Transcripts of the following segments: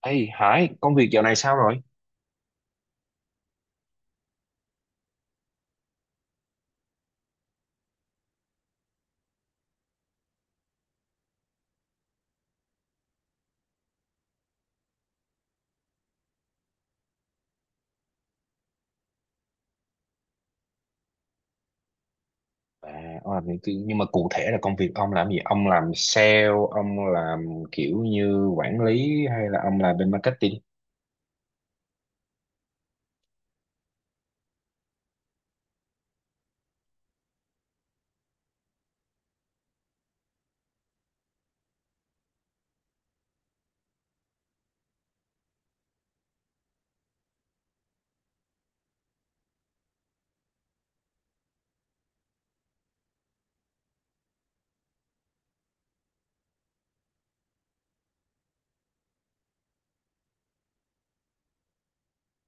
Ê Hải, công việc dạo này sao rồi? À, ông làm nhưng mà cụ thể là công việc ông làm gì? Ông làm sale, ông làm kiểu như quản lý hay là ông làm bên marketing?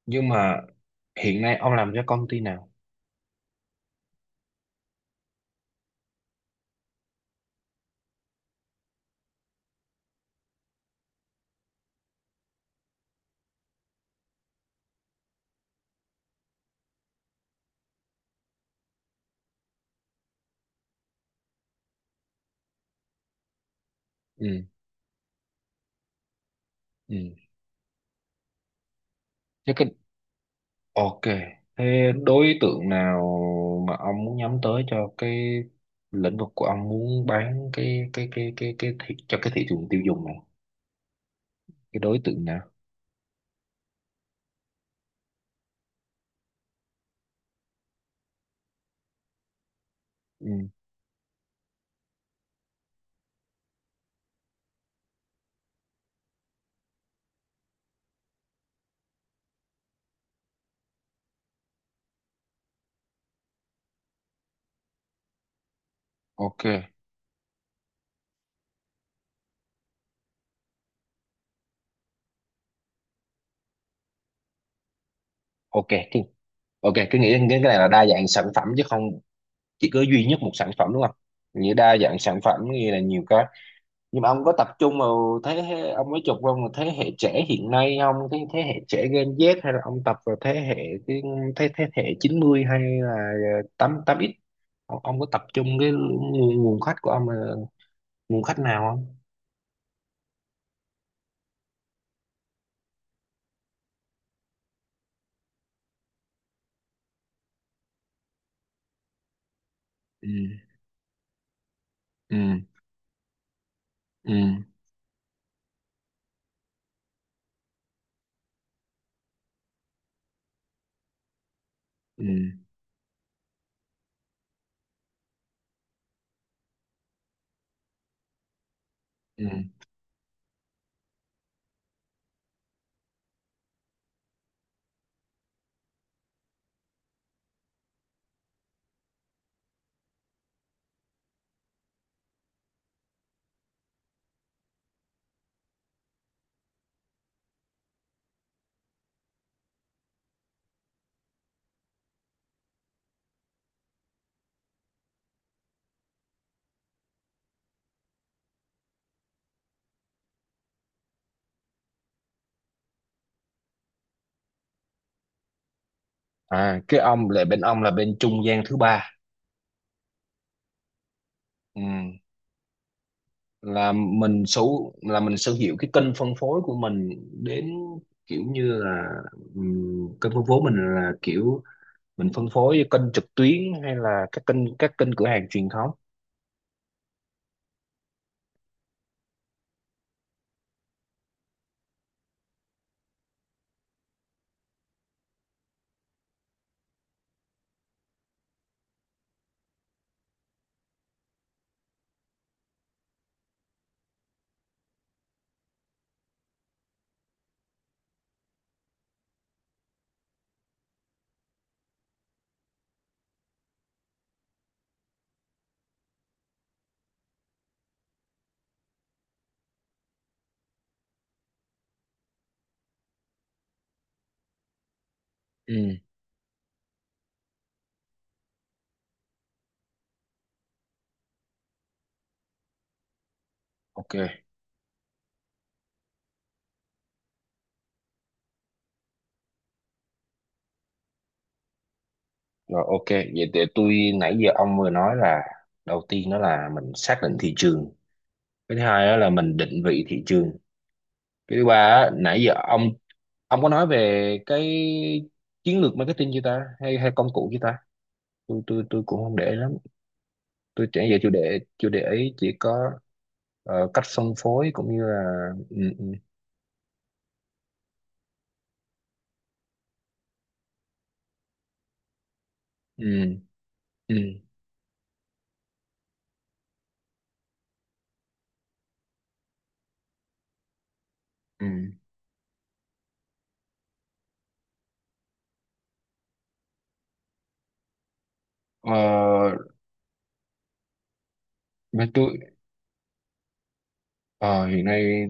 Nhưng mà hiện nay ông làm cho công ty nào? Ừ, ừ. Chứ cái Ok. Thế đối tượng nào mà ông muốn nhắm tới cho cái lĩnh vực của ông muốn bán cho cái thị trường tiêu dùng này? Cái đối tượng nào? Ừ, ok. Ok, ok, cứ nghĩ đến cái này là đa dạng sản phẩm chứ không chỉ có duy nhất một sản phẩm, đúng không? Nghĩa đa dạng sản phẩm nghĩa là nhiều cái. Nhưng mà ông có tập trung vào thế hệ, ông mới chụp vào một thế hệ trẻ hiện nay không, thế thế hệ trẻ Gen Z, hay là ông tập vào thế hệ cái thế thế hệ 90 hay là tám tám x, ông có tập trung cái nguồn khách của ông là nguồn khách nào không? Ừ, ừ, ừ, ừ, ừ. À, cái ông là bên trung gian thứ ba. Ừ. là mình sở là mình sở hữu cái kênh phân phối của mình, đến kiểu như là, kênh phân phối mình là kiểu mình phân phối kênh trực tuyến hay là các kênh cửa hàng truyền thống. Ừ, ok. Rồi, ok, vậy để tôi, nãy giờ ông vừa nói là đầu tiên đó là mình xác định thị trường, cái thứ hai đó là mình định vị thị trường, cái thứ ba á, nãy giờ ông có nói về cái chiến lược marketing chưa ta, hay hay công cụ chưa ta? Tôi cũng không để lắm. Tôi chẳng về chủ đề ấy chỉ có cách phân phối, cũng như là, ừ, ừ, ừ, ừ, ừ. Ờ, với tôi, ờ, hiện nay,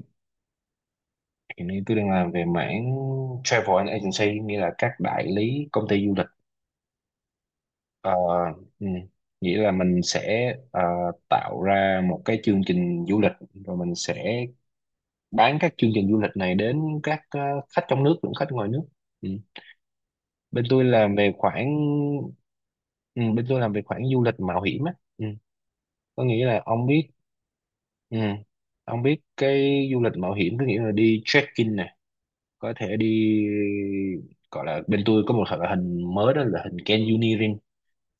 tôi đang làm về mảng travel and agency, nghĩa là các đại lý công ty du lịch. Ờ, ừ. Nghĩa là mình sẽ tạo ra một cái chương trình du lịch, rồi mình sẽ bán các chương trình du lịch này đến các khách trong nước lẫn khách ngoài nước. Ừ. Bên tôi làm về khoảng, ừ, bên tôi làm về khoảng du lịch mạo hiểm á. Ừ. Có nghĩa là ông biết, ừ, ông biết cái du lịch mạo hiểm có nghĩa là đi trekking nè, có thể đi, gọi là bên tôi có một loại hình mới, đó là hình canyoneering,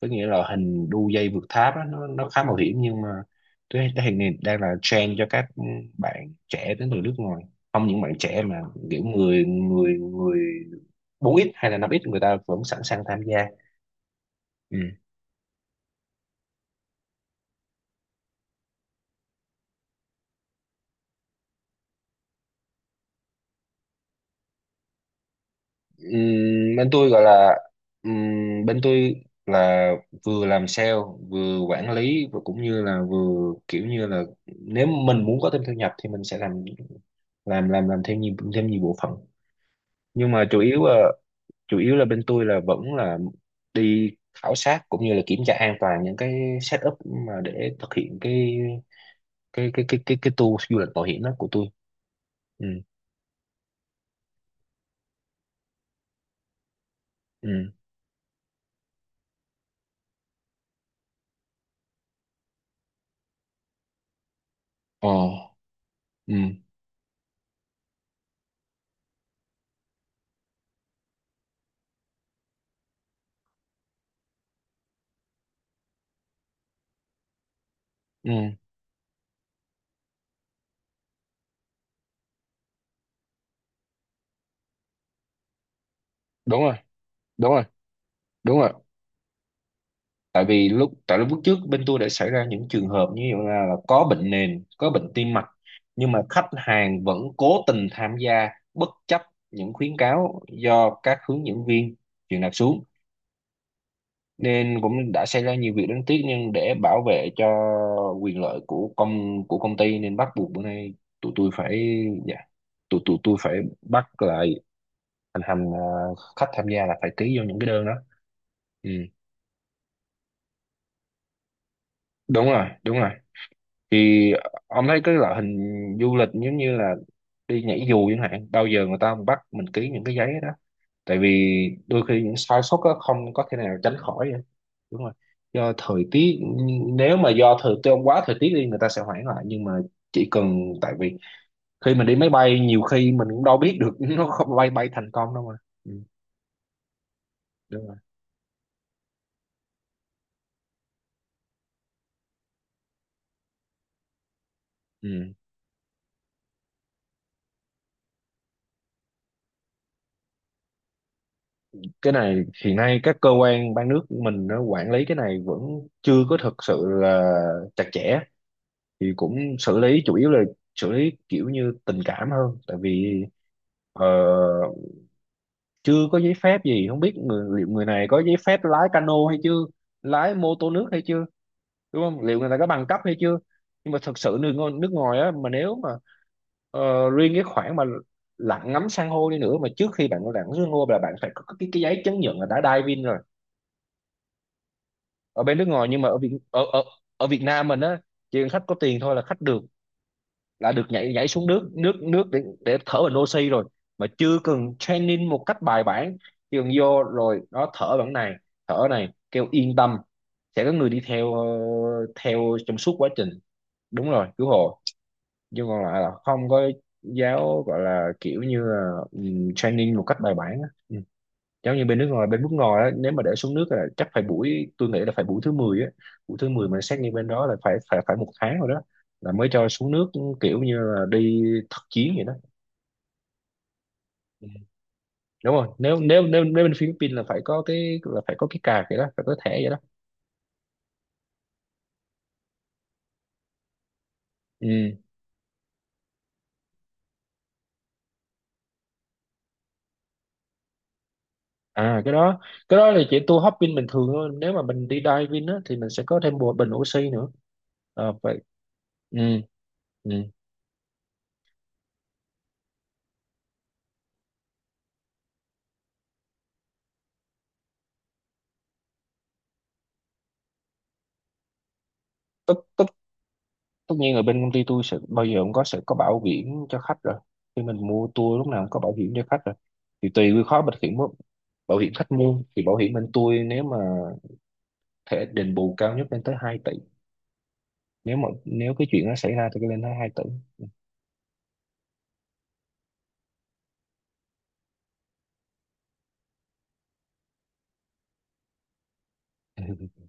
có nghĩa là hình đu dây vượt tháp á, nó khá mạo hiểm, nhưng mà tôi thấy cái hình này đang là trend cho các bạn trẻ đến từ nước ngoài, không những bạn trẻ mà kiểu người người người 4x hay là 5x, người ta vẫn sẵn sàng tham gia. Ừ. Bên tôi gọi là, bên tôi là vừa làm sale, vừa quản lý và cũng như là vừa kiểu như là, nếu mình muốn có thêm thu nhập thì mình sẽ làm thêm nhiều bộ phận, nhưng mà chủ yếu là, bên tôi là vẫn là đi khảo sát cũng như là kiểm tra an toàn những cái setup mà để thực hiện cái tour du lịch mạo hiểm đó của tôi. Ừ, ừ, ờ, ừ, ừ. Đúng rồi, đúng rồi, đúng rồi. Tại vì lúc trước bên tôi đã xảy ra những trường hợp như vậy, là có bệnh nền, có bệnh tim mạch, nhưng mà khách hàng vẫn cố tình tham gia, bất chấp những khuyến cáo do các hướng dẫn viên truyền đạt xuống, nên cũng đã xảy ra nhiều việc đáng tiếc. Nhưng để bảo vệ cho quyền lợi của công ty nên bắt buộc bữa nay tụi tôi phải dạ tụi tôi phải bắt lại, thành hành, khách tham gia là phải ký vô những cái đơn đó. Ừ. Đúng rồi, đúng rồi. Thì ông thấy cái loại hình du lịch giống như là đi nhảy dù chẳng hạn, bao giờ người ta bắt mình ký những cái giấy đó, tại vì đôi khi những sai sót đó không có thể nào tránh khỏi vậy. Đúng rồi, do thời tiết, nếu mà do thời tiết quá, thời tiết đi người ta sẽ hoãn lại. Nhưng mà chỉ cần, tại vì khi mình đi máy bay nhiều khi mình cũng đâu biết được nó không bay bay thành công đâu mà. Ừ, đúng rồi. Ừ. Cái này hiện nay các cơ quan ban nước mình nó quản lý cái này vẫn chưa có thực sự là chặt chẽ, thì cũng xử lý chủ yếu là xử lý kiểu như tình cảm hơn, tại vì ờ, chưa có giấy phép gì, không biết liệu người này có giấy phép lái cano hay chưa, lái mô tô nước hay chưa, đúng không, liệu người này có bằng cấp hay chưa. Nhưng mà thật sự nước ngoài, á, mà nếu mà riêng cái khoản mà lặn ngắm san hô đi nữa, mà trước khi bạn lặn san hô là bạn phải có cái giấy chứng nhận là đã diving rồi ở bên nước ngoài. Nhưng mà ở Việt Nam mình á, chỉ cần khách có tiền thôi là khách được là được nhảy nhảy xuống nước nước nước để thở bằng oxy rồi, mà chưa cần training một cách bài bản, chỉ cần vô rồi nó thở bằng này, thở này, kêu yên tâm sẽ có người đi theo, theo trong suốt quá trình. Đúng rồi, cứu hộ, chứ còn lại là không có giáo, gọi là kiểu như là, training một cách bài bản á. Ừ. Giống như bên nước ngoài, á, nếu mà để xuống nước là chắc phải buổi tôi nghĩ là phải buổi thứ 10 á, buổi thứ 10 mà xét nghiệm bên đó là phải phải phải một tháng rồi đó, là mới cho xuống nước, kiểu như là đi thực chiến vậy đó. Ừ. Đúng rồi, nếu nếu nếu nếu bên Philippines là phải có cái là phải có cái card vậy đó, phải có thẻ vậy đó. Ừ. À, cái đó, là chỉ tour hopping bình thường thôi. Nếu mà mình đi diving á thì mình sẽ có thêm bộ bình oxy nữa. À, vậy. Ừ. Ừ. Tất, tất tất nhiên ở bên công ty tôi sẽ bao giờ cũng có sẽ có bảo hiểm cho khách rồi, khi mình mua tour lúc nào cũng có bảo hiểm cho khách rồi, thì tùy cái khóa bảo hiểm, bảo hiểm khách mua thì bảo hiểm bên tôi, nếu mà thẻ đền bù cao nhất lên tới 2 tỷ, nếu cái chuyện nó xảy ra thì lên tới 2 tỷ.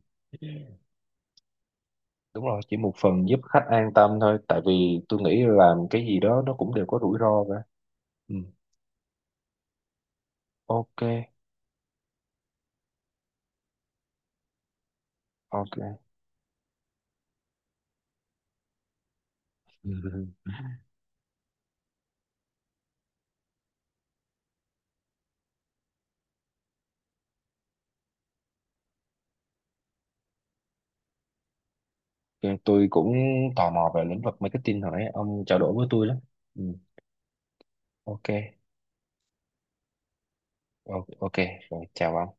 Đúng rồi, chỉ một phần giúp khách an tâm thôi, tại vì tôi nghĩ làm cái gì đó nó cũng đều có rủi ro cả. Ừ. Ok. Ok. Ừ. Ok, tôi cũng tò mò về lĩnh vực marketing rồi đấy, ông trao đổi với tôi lắm. Ừ. Ok. Ok. Rồi, chào ông.